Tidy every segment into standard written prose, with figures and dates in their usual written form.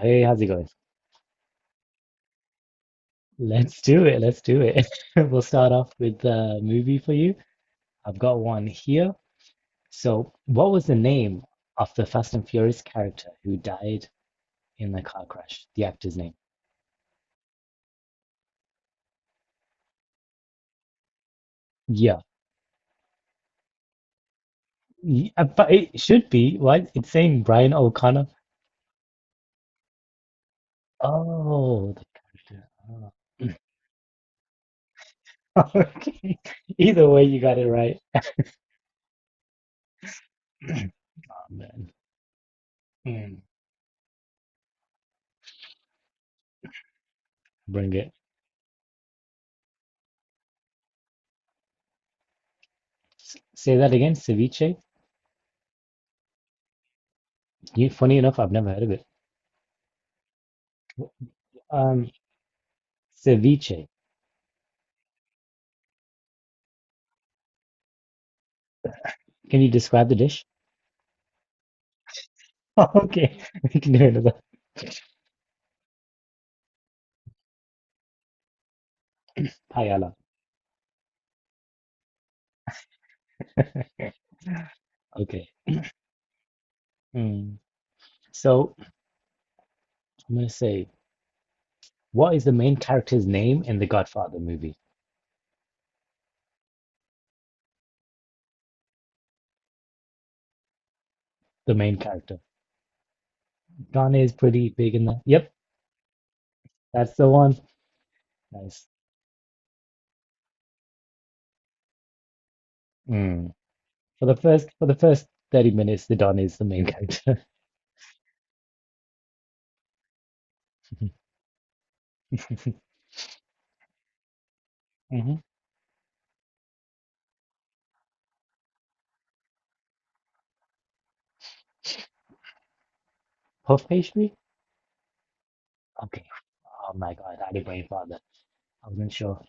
Hey, how's it going? Let's do it. Let's do it. We'll start off with the movie for you. I've got one here. So, what was the name of the Fast and Furious character who died in the car crash? The actor's name. Yeah. But it should be. What? It's saying Brian O'Connor. Oh, the character. Oh. Okay. Either way, you got it right. Oh, man. Hmm. Bring it. Say that again, ceviche. You, funny enough, I've never heard of it. Um, Ceviche. Can you describe the dish? Okay, we can do another paella. Okay. Mm. So I'm gonna say, what is the main character's name in the Godfather movie? The main character. Don is pretty big in the. Yep, that's the one. Nice. Mm. For the first 30 minutes, the Don is the main character. hmm Puff pastry? Okay. Oh my God, I had a brain father. I wasn't sure.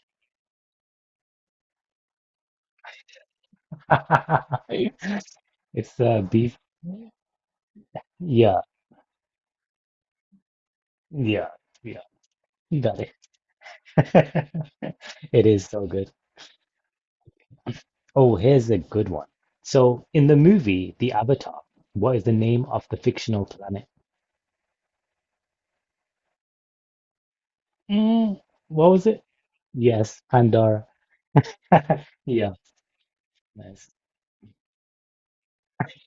It's beef. Yeah, yeah, yeah. You got it. It is so good. Oh, here's a good one. So, in the movie, The Avatar, what is the name of the fictional planet? Mm, what was it? Yes, Pandora. Yeah, nice.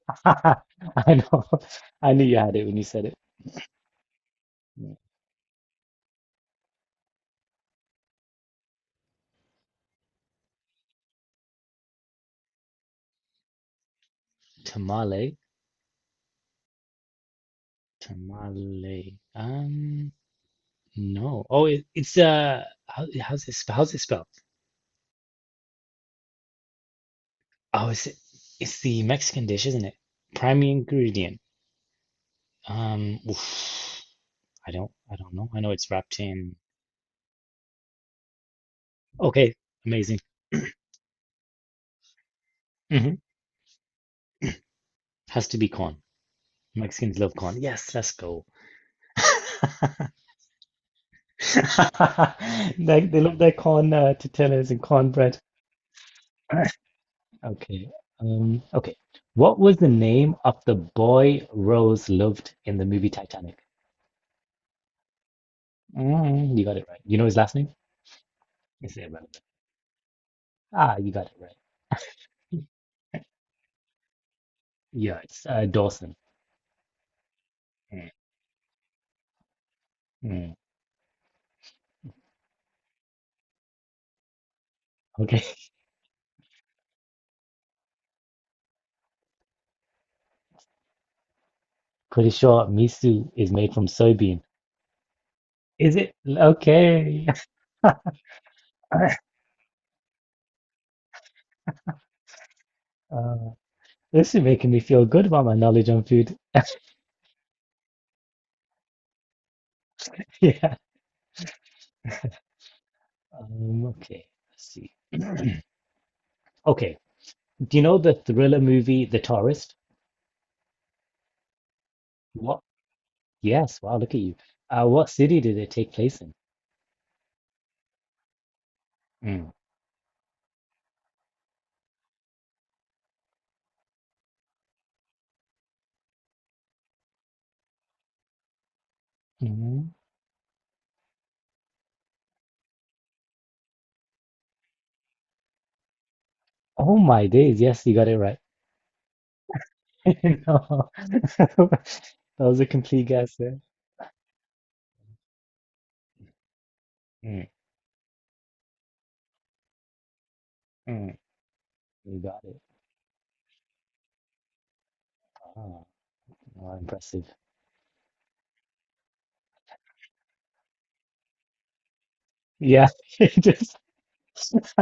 I know. I knew you had it when you said it. Yeah. Tamale, tamale. No. Oh, it, it's how, how's it sp- how's it spelled? Oh, it's the Mexican dish, isn't it? Primary ingredient. Oof. I don't know. I know it's wrapped in. Okay, amazing. Hmm Has to be corn. Mexicans love corn. Yes, let's go. They love their corn tortillas and cornbread. Okay. Um, okay. What was the name of the boy Rose loved in the movie Titanic? Mm, you got it right. You know his last name? It's irrelevant. Ah, you got it right. Yeah, it's Dawson. Mm, mm. Okay. Pretty sure miso is made from soybean. Is it okay? Uh, this is making me feel good about my knowledge on food. Yeah. Um, okay. Let's see. Okay. Do you know the thriller movie The Tourist? What? Yes. Wow. Look at you. What city did it take place in? Mm. Mhm. Oh my days. Yes, you got it right. No. That was a complete guess there. Mm, mm. You got it. Ah, wow, impressive. Yeah. It Just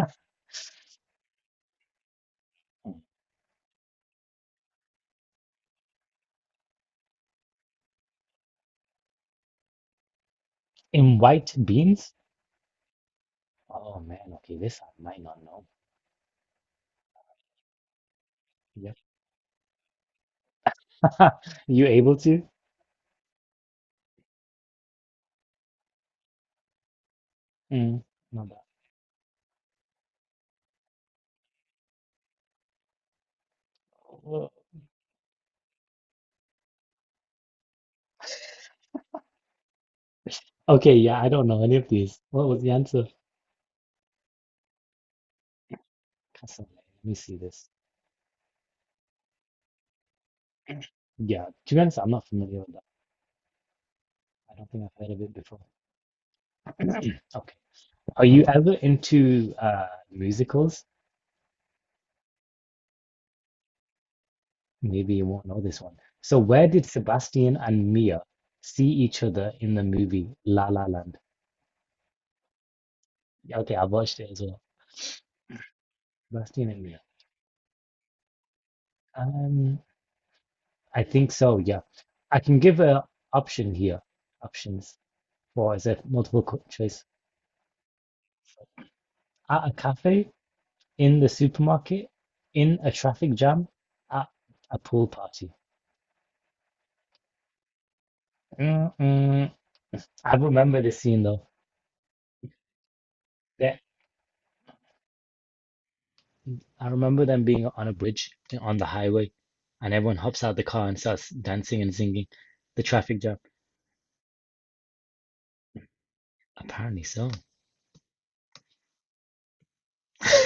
in white beans? Oh man, okay, this I might not know. Yeah. You able to? Mm, not bad. Well, okay, yeah, I don't know any of these. What was the answer? Cassoulet. Let me see this. Yeah, to be honest, I'm not familiar with that. I don't think I've heard of it before. Okay. Are you ever into musicals? Maybe you won't know this one. So where did Sebastian and Mia see each other in the movie La La Land? Yeah, okay, I've watched it as well. Sebastian and Mia. Um, I think so, yeah. I can give option here, options for as a multiple co- choice. At a cafe, in the supermarket, in a traffic jam, at a pool party. Mm-mm. I remember this scene though. That I remember them being on a bridge on the highway, and everyone hops out the car and starts dancing and singing. The traffic jam. Apparently so.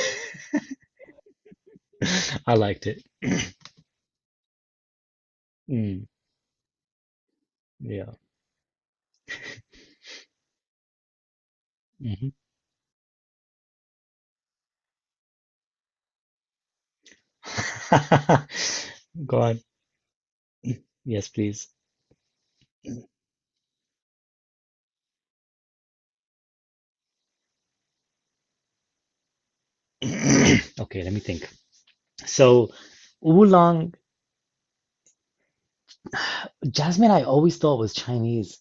I liked it. Mm, yeah. hmm Go on. Yes, please. Okay, let me think. So, oolong, jasmine, I always thought was Chinese.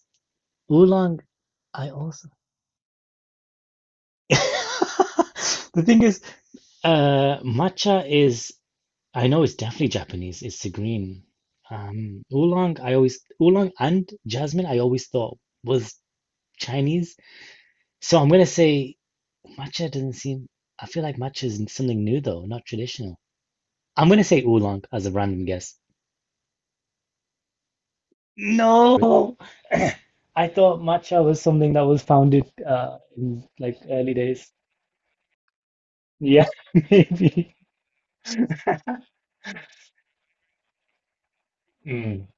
Oolong, I also. The thing is, matcha is, I know it's definitely Japanese. It's the green. Oolong and jasmine, I always thought was Chinese. So I'm gonna say matcha doesn't seem, I feel like matcha is something new though, not traditional. I'm gonna say oolong as a random guess. No, I thought matcha was something that was founded in like early days. Yeah, maybe. Mm.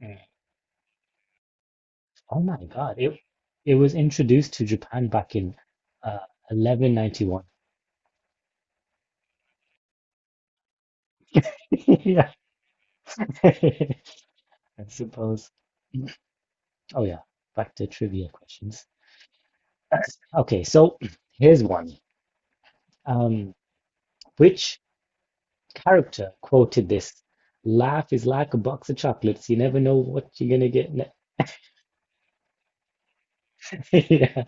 Mm. Oh my God, it was introduced to Japan back in uh, 1191. Yeah, I suppose. Oh yeah, back to trivia questions. Okay, so here's one. Um, which character quoted this? Life is like a box of chocolates. You never know what you're gonna get. Yeah,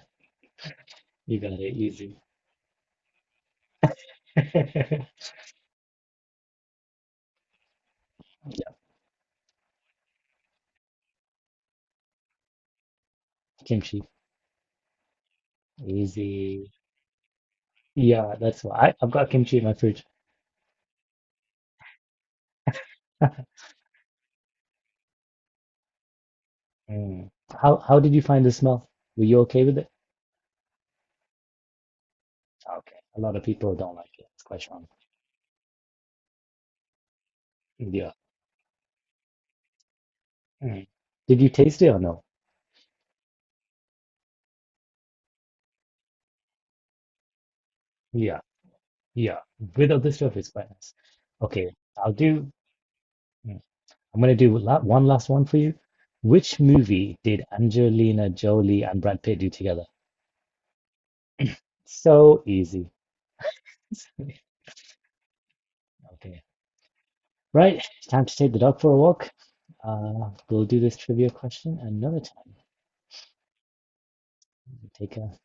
you got it easy. Yeah, kimchi. Easy. Yeah, that's why I've got kimchi in my fridge. Mm. How did you find the smell? Were you okay with it? Okay. A lot of people don't like it. It's quite strong. Yeah. Mm. Did you taste it or no? Yeah. Yeah. Without the stuff, it's quite nice. Okay. I'll do. Mm, I'm gonna do la one last one for you. Which movie did Angelina Jolie and Brad Pitt do together? So easy. Okay. Right, it's time to take the dog for a walk. We'll do this trivia question another time. Take care.